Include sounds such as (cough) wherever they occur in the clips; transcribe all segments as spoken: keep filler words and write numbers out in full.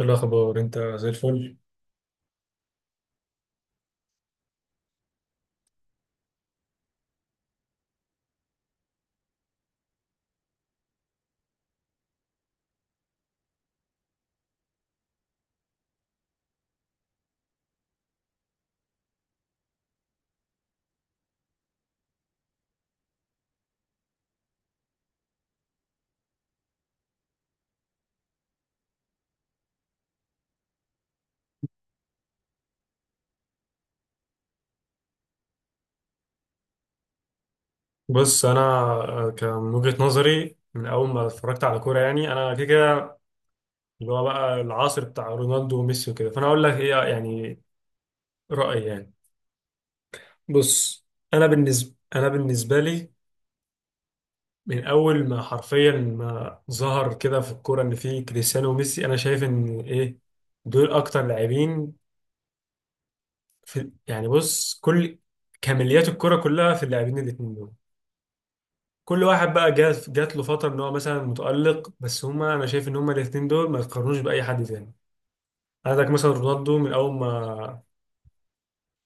إيه الأخبار؟ أنت زي الفل. بص، أنا كان من وجهة نظري من أول ما اتفرجت على كورة، يعني أنا كده كده اللي هو بقى العصر بتاع رونالدو وميسي وكده. فأنا أقول لك إيه يعني، رأيي يعني. بص. أنا بالنسبة أنا بالنسبة لي، من أول ما حرفيا ما ظهر كده في الكورة إن في كريستيانو وميسي، أنا شايف إن إيه، دول أكتر لاعبين في، يعني بص، كل كماليات الكورة كلها في اللاعبين الاتنين دول. كل واحد بقى جات جات له فتره ان هو مثلا متالق، بس هما، انا شايف ان هما الاثنين دول ما يتقارنوش باي حد تاني. عندك مثلا رونالدو من اول ما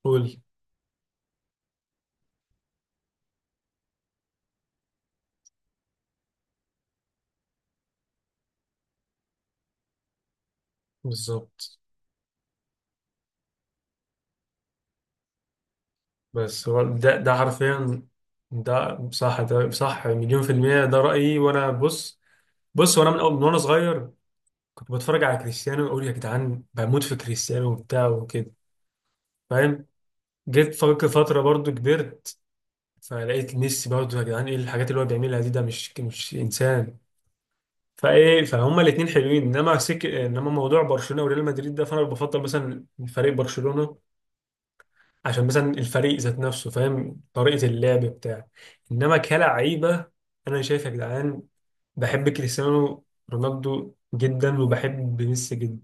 قول. بالظبط. بس هو ده ده حرفيا، ده صح، ده صح مليون في المية. ده رأيي وأنا بص. بص، وأنا من أول من وأنا صغير كنت بتفرج على كريستيانو وأقول يا جدعان، بموت في كريستيانو وبتاع وكده، فاهم. جيت فك فترة برضو كبرت، فلقيت ميسي، برضو يا جدعان، إيه الحاجات اللي هو بيعملها دي، ده مش مش إنسان. فايه، فهما الاثنين حلوين، انما سك انما موضوع برشلونه وريال مدريد ده، فانا بفضل مثلا فريق برشلونه، عشان مثلا الفريق ذات نفسه فاهم طريقه اللعب بتاع. انما كلاعيبه، انا شايف يا جدعان، بحب كريستيانو رونالدو جدا وبحب ميسي جدا.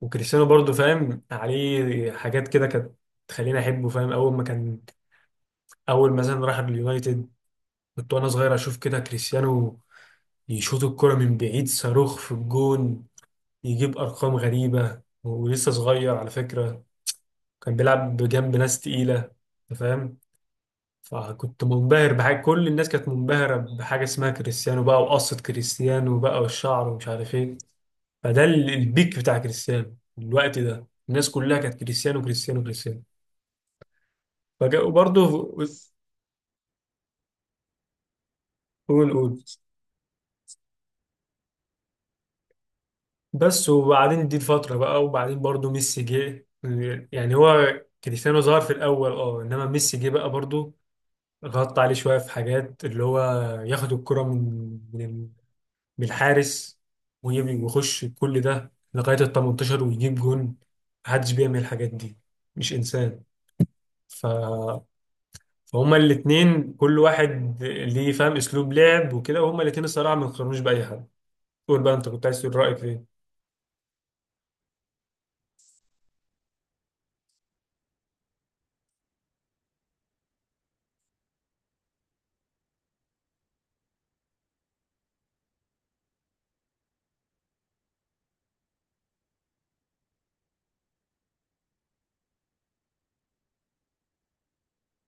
وكريستيانو برضو فاهم عليه حاجات كده كانت تخليني احبه، فاهم. اول ما كان، اول مثلا راح اليونايتد، كنت وانا صغير اشوف كده كريستيانو يشوط الكرة من بعيد صاروخ في الجون، يجيب ارقام غريبه ولسه صغير، على فكره كان بيلعب جنب ناس تقيله، انت فاهم. فكنت منبهر بحاجه، كل الناس كانت منبهره بحاجه اسمها كريستيانو بقى، وقصه كريستيانو بقى والشعر ومش عارف ايه. فده ال- البيك بتاع كريستيانو الوقت ده، الناس كلها كانت كريستيانو كريستيانو كريستيانو. فجاء وبرضه، قول قول. بس وبعدين دي الفترة بقى، وبعدين برضه ميسي جه، يعني هو كريستيانو ظهر في الأول اه، إنما ميسي جه بقى برضه غطى عليه شوية في حاجات اللي هو ياخد الكرة من من ال- من الحارس، ويجي- ويخش كل ده لغاية ال التمنتاشر ويجيب جون. محدش بيعمل الحاجات دي، مش إنسان. ف... فهما الاتنين كل واحد ليه فاهم أسلوب لعب وكده، وهما الاتنين الصراحة ما يقارنوش بأي حد. قول بقى، أنت كنت عايز تقول رأيك إيه؟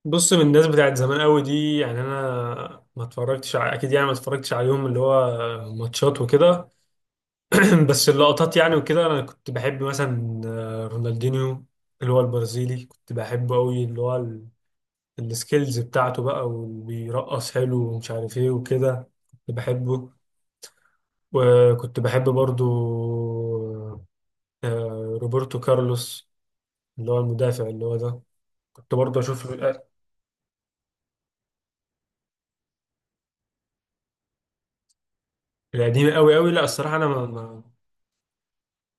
بص، من الناس بتاعت زمان قوي دي، يعني أنا ما اتفرجتش ع... أكيد يعني ما اتفرجتش عليهم اللي هو ماتشات وكده. (clears throat) بس اللقطات يعني وكده، انا كنت بحب مثلا، آه، رونالدينيو، اللي هو البرازيلي، كنت بحبه قوي، اللي هو ال- السكيلز بتاعته بقى، وبيرقص حلو ومش عارف ايه وكده، كنت بحبه. وكنت بحب برضو آه، روبرتو كارلوس، اللي هو المدافع اللي هو ده، كنت برضو اشوف ال- القديم قوي قوي. لا الصراحة انا ما ما-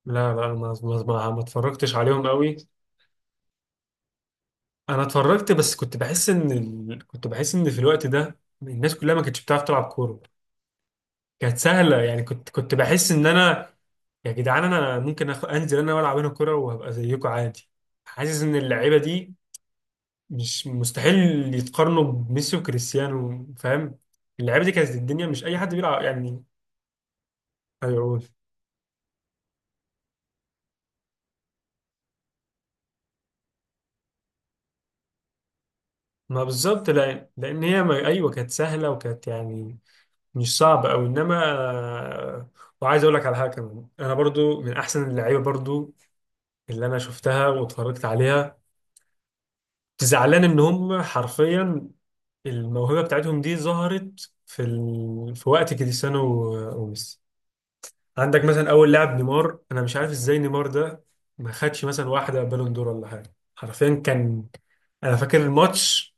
لا لا، ما ما ما ما اتفرجتش عليهم قوي. انا اتفرجت، بس كنت بحس ان ال... كنت بحس ان في الوقت ده الناس كلها ما كانتش بتعرف تلعب كوره، كانت سهله يعني. كنت كنت بحس ان انا، يا جدعان، انا ممكن أخ... انزل انا والعب هنا كوره وهبقى زيكم عادي. حاسس ان اللعيبه دي مش مستحيل يتقارنوا بميسي وكريستيانو، فاهم. اللعيبه دي كانت الدنيا، مش اي حد بيلعب يعني. هيقول. ما بالظبط، لان لان هي ما... ايوه، كانت سهله وكانت يعني، مش صعبه او انما. وعايز اقول لك على حاجه كمان، انا برضو من احسن اللعيبه برضو اللي انا شفتها واتفرجت عليها، زعلان ان هم حرفيا الموهبه بتاعتهم دي ظهرت في ال... في وقت كريستيانو و- وميسي. عندك مثلا اول لاعب نيمار، انا مش عارف ازاي نيمار ده ما خدش مثلا واحده بالون دور ولا حاجه. حرفيا كان، انا فاكر الماتش،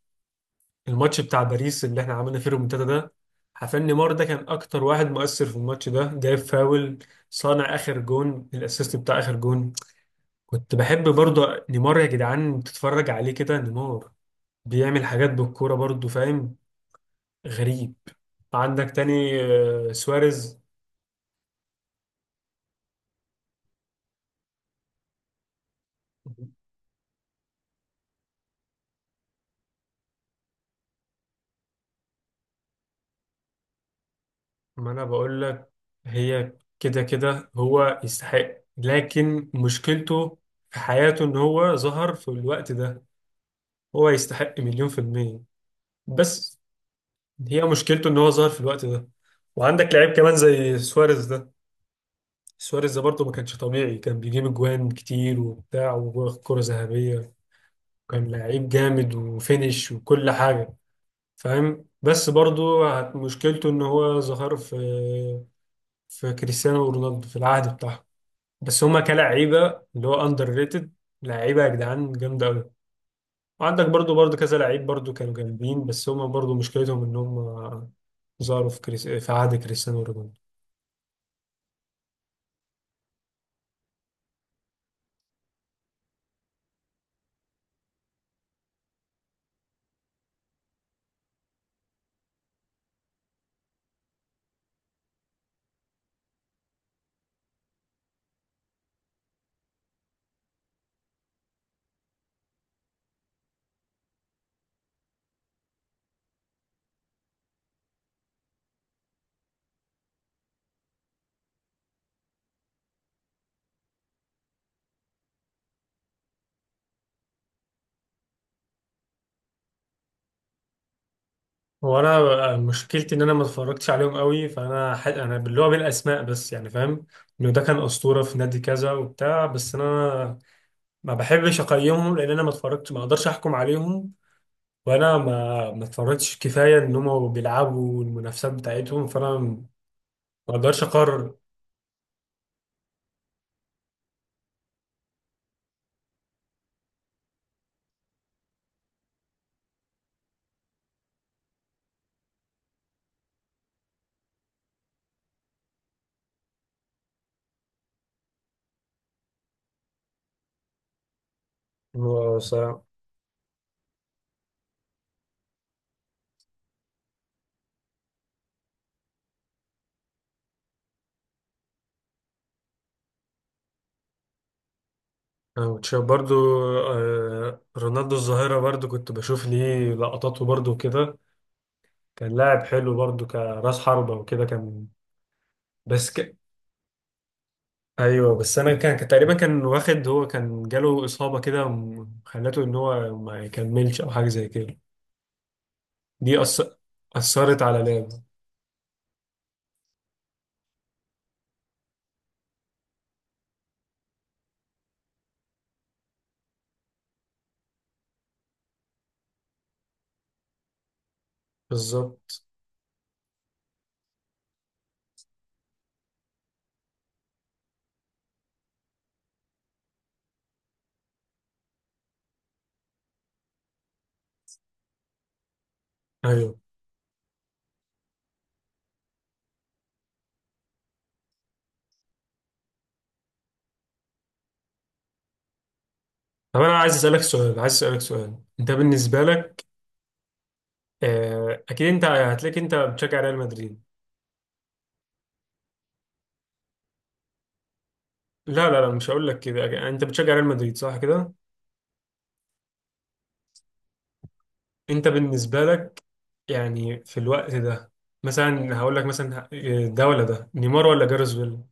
الماتش بتاع باريس اللي احنا عملنا فيه الريمونتادا ده، حرفيا نيمار ده كان اكتر واحد مؤثر في الماتش ده، جايب فاول، صانع اخر جون، الاسيست بتاع اخر جون. كنت بحب برضو نيمار، يا جدعان تتفرج عليه كده، نيمار بيعمل حاجات بالكورة برضو، فاهم، غريب. عندك تاني آه، سواريز. ما انا بقول لك، هي كده كده هو يستحق، لكن مشكلته في حياته ان هو ظهر في الوقت ده. هو يستحق مليون في المية، بس هي مشكلته ان هو ظهر في الوقت ده. وعندك لعيب كمان زي سواريز ده، سواريز ده برضه ما كانش طبيعي، كان بيجيب اجوان كتير وبتاع وكرة ذهبية، كان لعيب جامد وفينش وكل حاجة، فاهم. بس برضو هت- مشكلته ان هو ظهر في، في كريستيانو رونالدو في العهد بتاعه. بس هما كلاعيبة اللي هو اندر ريتد، لعيبة يا جدعان جامدة قوي. وعندك برضو برضو كذا لعيب برضو كانوا جامدين، بس هما برضو مشكلتهم ان هما ظهروا في كريس... في عهد كريستيانو رونالدو. وانا بقى مشكلتي ان انا ما اتفرجتش عليهم قوي، فانا ح... انا اللي هو بالاسماء بس يعني، فاهم انه ده كان اسطوره في نادي كذا وبتاع، بس انا ما بحبش اقيمهم لان انا ما اتفرجتش، ما اقدرش احكم عليهم. وانا ما ما اتفرجتش كفايه ان هم بيلعبوا المنافسات بتاعتهم، فانا ما اقدرش اقرر. هو س- أنا كنت شايف برضو آه، رونالدو الظاهره، برضو كنت بشوف ليه لقطاته برضو كده، كان لاعب حلو برضو، كراس حربه وكده كان. بس ك... ايوه، بس انا كان كان تقريبا كان واخد، هو كان جاله اصابه كده م- خلته ان هو ما يكملش او حاجه زي كده. دي أث... اثرت على لعبه. بالظبط. ايوه. طب انا عايز اسالك سؤال، عايز اسالك سؤال، انت بالنسبه لك، آه، اكيد انت هتلاقيك انت بتشجع ريال مدريد. لا لا لا، مش هقول لك كده. أك- انت بتشجع ريال مدريد صح كده؟ انت بالنسبه لك، يعني في الوقت ده، مثلا هقول لك مثلا، آه، ده ولا ده، نيمار ولا جارس بيل؟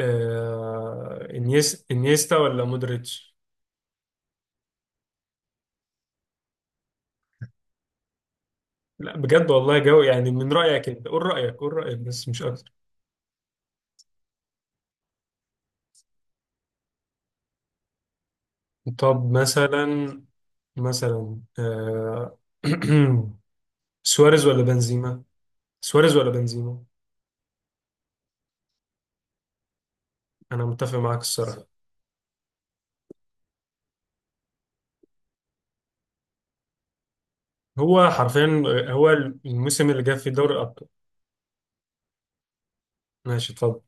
آه، انيس انيستا ولا مودريتش؟ لا بجد والله جو، يعني من رايك انت، قول رايك، قول رايك بس مش اكتر. طب مثلا مثلا آه (clears throat) سواريز ولا بنزيما؟ سواريز ولا بنزيما؟ انا متفق معاك الصراحه. هو حرفيا، هو الموسم اللي جاب فيه دوري الابطال. ماشي اتفضل.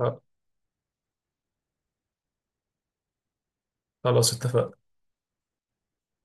آه، خلاص اتفقنا.